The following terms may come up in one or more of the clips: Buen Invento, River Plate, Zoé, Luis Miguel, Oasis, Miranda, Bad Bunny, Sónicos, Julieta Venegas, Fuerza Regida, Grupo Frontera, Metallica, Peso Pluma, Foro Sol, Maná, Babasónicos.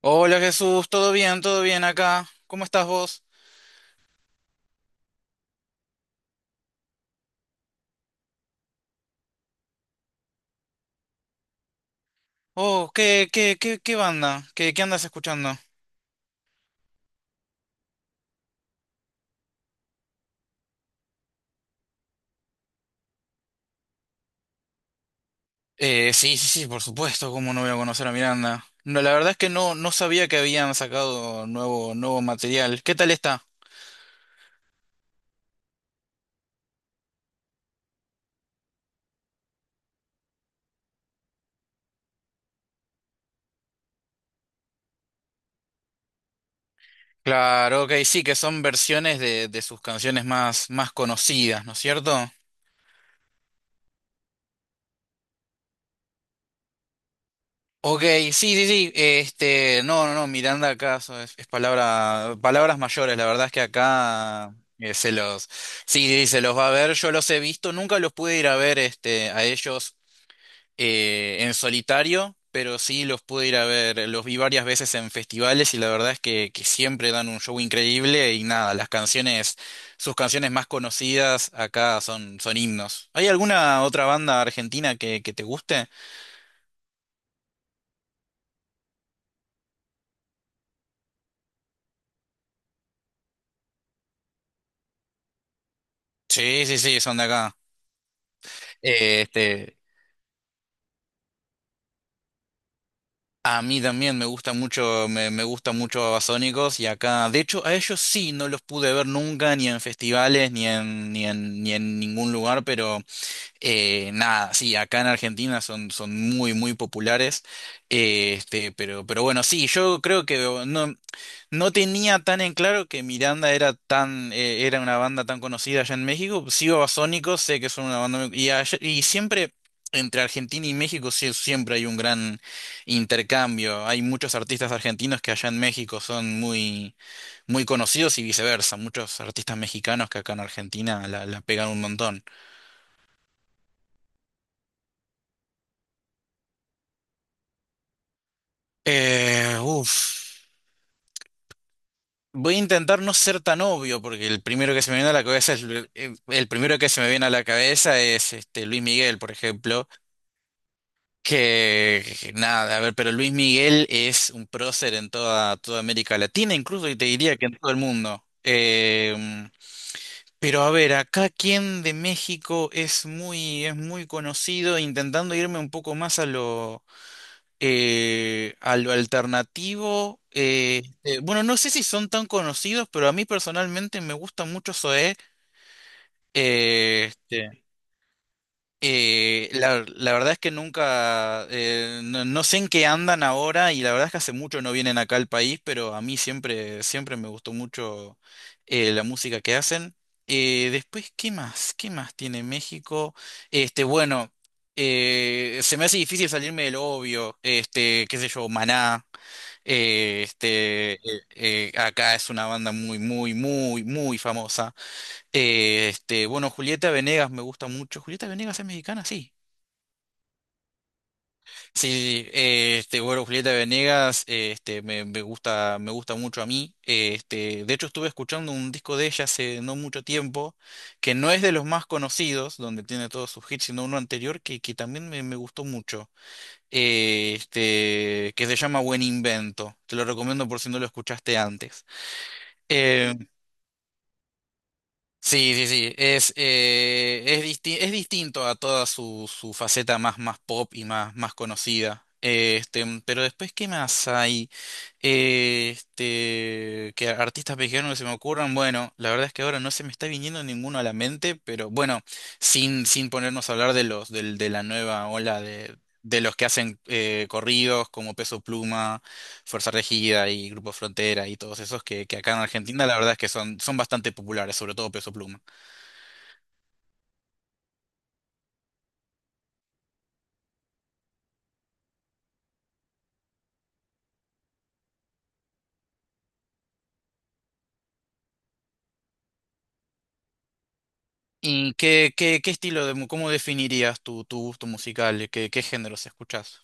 Hola Jesús, ¿todo bien? ¿Todo bien acá? ¿Cómo estás vos? Oh, ¿qué banda? ¿Qué, qué andas escuchando? Sí, por supuesto, ¿cómo no voy a conocer a Miranda? No, la verdad es que no sabía que habían sacado nuevo material. ¿Qué tal está? Claro, ok, sí, que son versiones de sus canciones más conocidas, ¿no es cierto? Ok, sí, sí, sí. No, Miranda acá es palabras mayores. La verdad es que acá, se los, sí, sí, sí, se los va a ver. Yo los he visto, nunca los pude ir a ver, este, a ellos en solitario, pero sí los pude ir a ver. Los vi varias veces en festivales y la verdad es que siempre dan un show increíble y nada, las canciones, sus canciones más conocidas acá son himnos. ¿Hay alguna otra banda argentina que te guste? Sí, sí, sí, son de acá. Este, a mí también me gusta mucho, me gusta mucho Babasónicos y acá, de hecho, a ellos sí no los pude ver nunca, ni en festivales, ni en ningún lugar, pero, nada, sí, acá en Argentina son, son muy, muy populares. Este, pero bueno, sí, yo creo que no, no tenía tan en claro que Miranda era tan, era una banda tan conocida allá en México. Sigo a Sónicos, sé que son una banda muy siempre entre Argentina y México sí, siempre hay un gran intercambio. Hay muchos artistas argentinos que allá en México son muy, muy conocidos y viceversa. Muchos artistas mexicanos que acá en Argentina la pegan un montón. Uf. Voy a intentar no ser tan obvio, porque el primero que se me viene a la cabeza es el primero que se me viene a la cabeza es este Luis Miguel, por ejemplo, que nada, a ver, pero Luis Miguel es un prócer en toda América Latina, incluso y te diría que en todo el mundo. Pero a ver, acá quien de México es muy conocido, intentando irme un poco más a lo alternativo. Bueno, no sé si son tan conocidos, pero a mí personalmente me gusta mucho Zoé. eh, este, la, la verdad es que nunca, no, no sé en qué andan ahora y la verdad es que hace mucho no vienen acá al país, pero a mí siempre, siempre me gustó mucho la música que hacen. Después, ¿qué más? ¿Qué más tiene México? Bueno, se me hace difícil salirme del obvio, este, qué sé yo, Maná. Acá es una banda muy famosa. Bueno, Julieta Venegas me gusta mucho. ¿Julieta Venegas es mexicana? Sí. Sí, sí, sí. Bueno, Julieta Venegas, me gusta mucho a mí. De hecho, estuve escuchando un disco de ella hace no mucho tiempo, que no es de los más conocidos, donde tiene todos sus hits, sino uno anterior que también me gustó mucho. Que se llama Buen Invento. Te lo recomiendo por si no lo escuchaste antes. Eh, sí, sí, sí. Es distinto a toda su, su faceta más, más pop y más, más conocida. Pero después, ¿qué más hay? Que artistas mexicanos que se me ocurran. Bueno, la verdad es que ahora no se me está viniendo ninguno a la mente, pero bueno, sin ponernos a hablar de los, del de la nueva ola de los que hacen corridos como Peso Pluma. Fuerza Regida y Grupo Frontera y todos esos que acá en Argentina la verdad es que son, son bastante populares, sobre todo Peso Pluma. ¿Y qué estilo de, cómo definirías tu, tu gusto musical? ¿Qué géneros escuchas?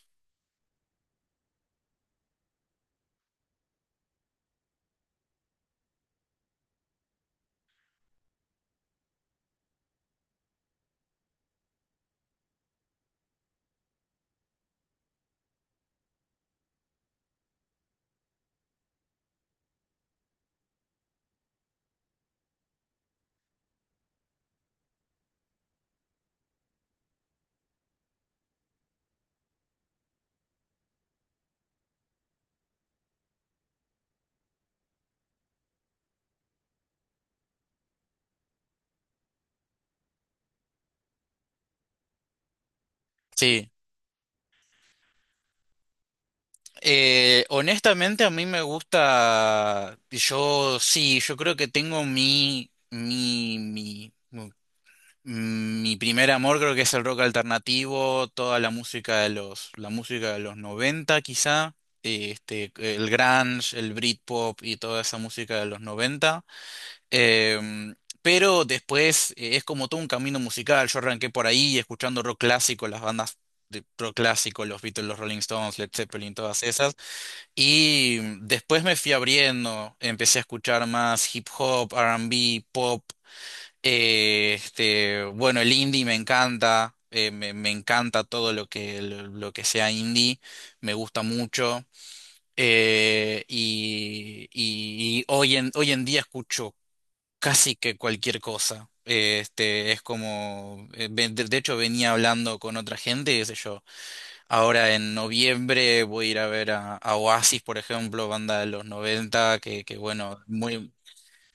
Sí. Honestamente a mí me gusta, yo sí, yo creo que tengo mi primer amor creo que es el rock alternativo, toda la música de los, la música de los 90 quizá, el grunge, el Britpop y toda esa música de los noventa. Em, pero después, es como todo un camino musical. Yo arranqué por ahí escuchando rock clásico, las bandas de rock clásico, los Beatles, los Rolling Stones, Led Zeppelin, todas esas. Y después me fui abriendo, empecé a escuchar más hip hop, R&B, pop. Bueno, el indie me encanta, me encanta todo lo que sea indie, me gusta mucho. Y, y hoy hoy en día escucho casi que cualquier cosa. Es como, de hecho venía hablando con otra gente, qué sé yo. Ahora en noviembre voy a ir a ver a Oasis, por ejemplo, banda de los 90 que bueno, muy,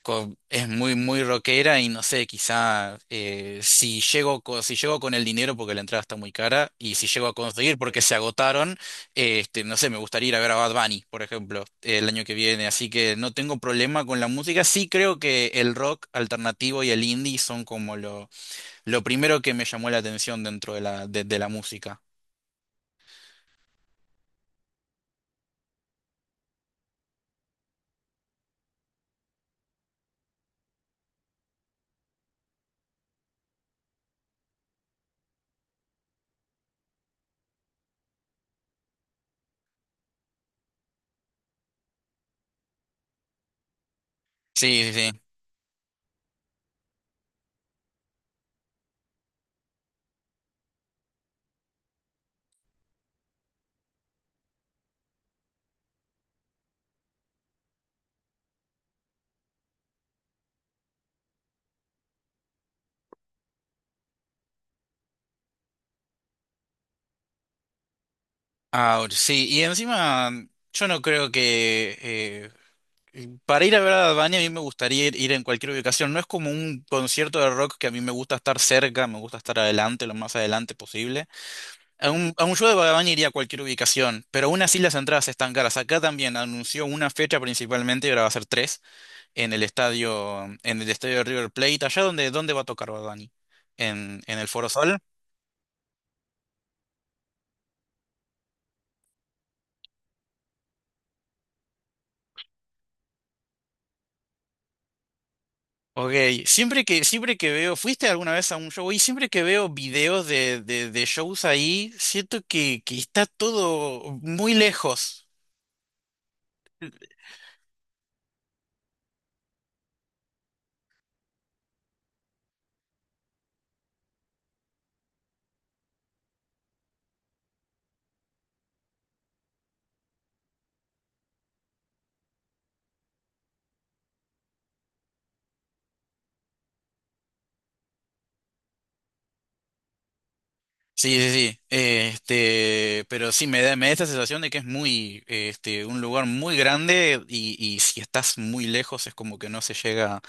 co- es muy, muy rockera y no sé, quizá, si llego, si llego con el dinero porque la entrada está muy cara y si llego a conseguir porque se agotaron, no sé, me gustaría ir a ver a Bad Bunny, por ejemplo, el año que viene. Así que no tengo problema con la música. Sí creo que el rock alternativo y el indie son como lo primero que me llamó la atención dentro de la música. Sí, sí, sí. Ahora, sí, y encima yo no creo que para ir a ver a Bad Bunny, a mí me gustaría ir, ir en cualquier ubicación. No es como un concierto de rock que a mí me gusta estar cerca, me gusta estar adelante, lo más adelante posible. A un show de Bad Bunny iría a cualquier ubicación, pero aún así las entradas están caras. Acá también anunció una fecha principalmente, y ahora va a ser tres, en el estadio de River Plate. ¿Allá donde dónde dónde va a tocar Bad Bunny? ¿En el Foro Sol? Ok, siempre que veo, ¿fuiste alguna vez a un show? Y siempre que veo videos de shows ahí, siento que está todo muy lejos. Sí, sí, sí. Pero sí, me da esta sensación de que es muy, un lugar muy grande y si estás muy lejos es como que no se llega.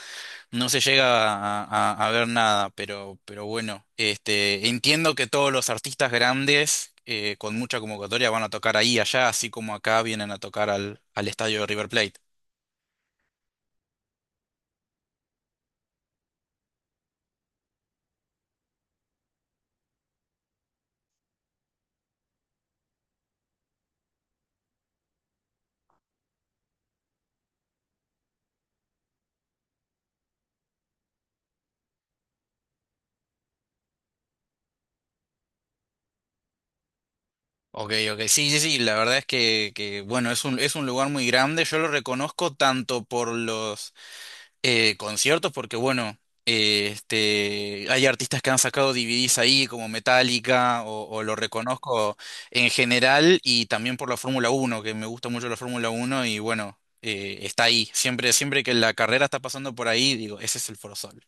No se llega a ver nada, pero bueno, este, entiendo que todos los artistas grandes, con mucha convocatoria van a tocar ahí y allá, así como acá vienen a tocar al, al estadio de River Plate. Ok, ok, sí, sí, sí, la verdad es que bueno, es un lugar muy grande, yo lo reconozco tanto por los conciertos porque, bueno, hay artistas que han sacado DVDs ahí, como Metallica, o lo reconozco en general, y también por la Fórmula 1 que me gusta mucho la Fórmula 1 y bueno, está ahí. Siempre, siempre que la carrera está pasando por ahí, digo, ese es el Forosol.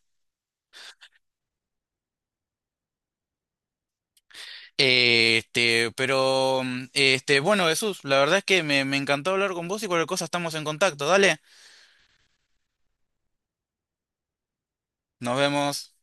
Bueno, Jesús, la verdad es que me encantó hablar con vos y cualquier cosa estamos en contacto. Dale, nos vemos.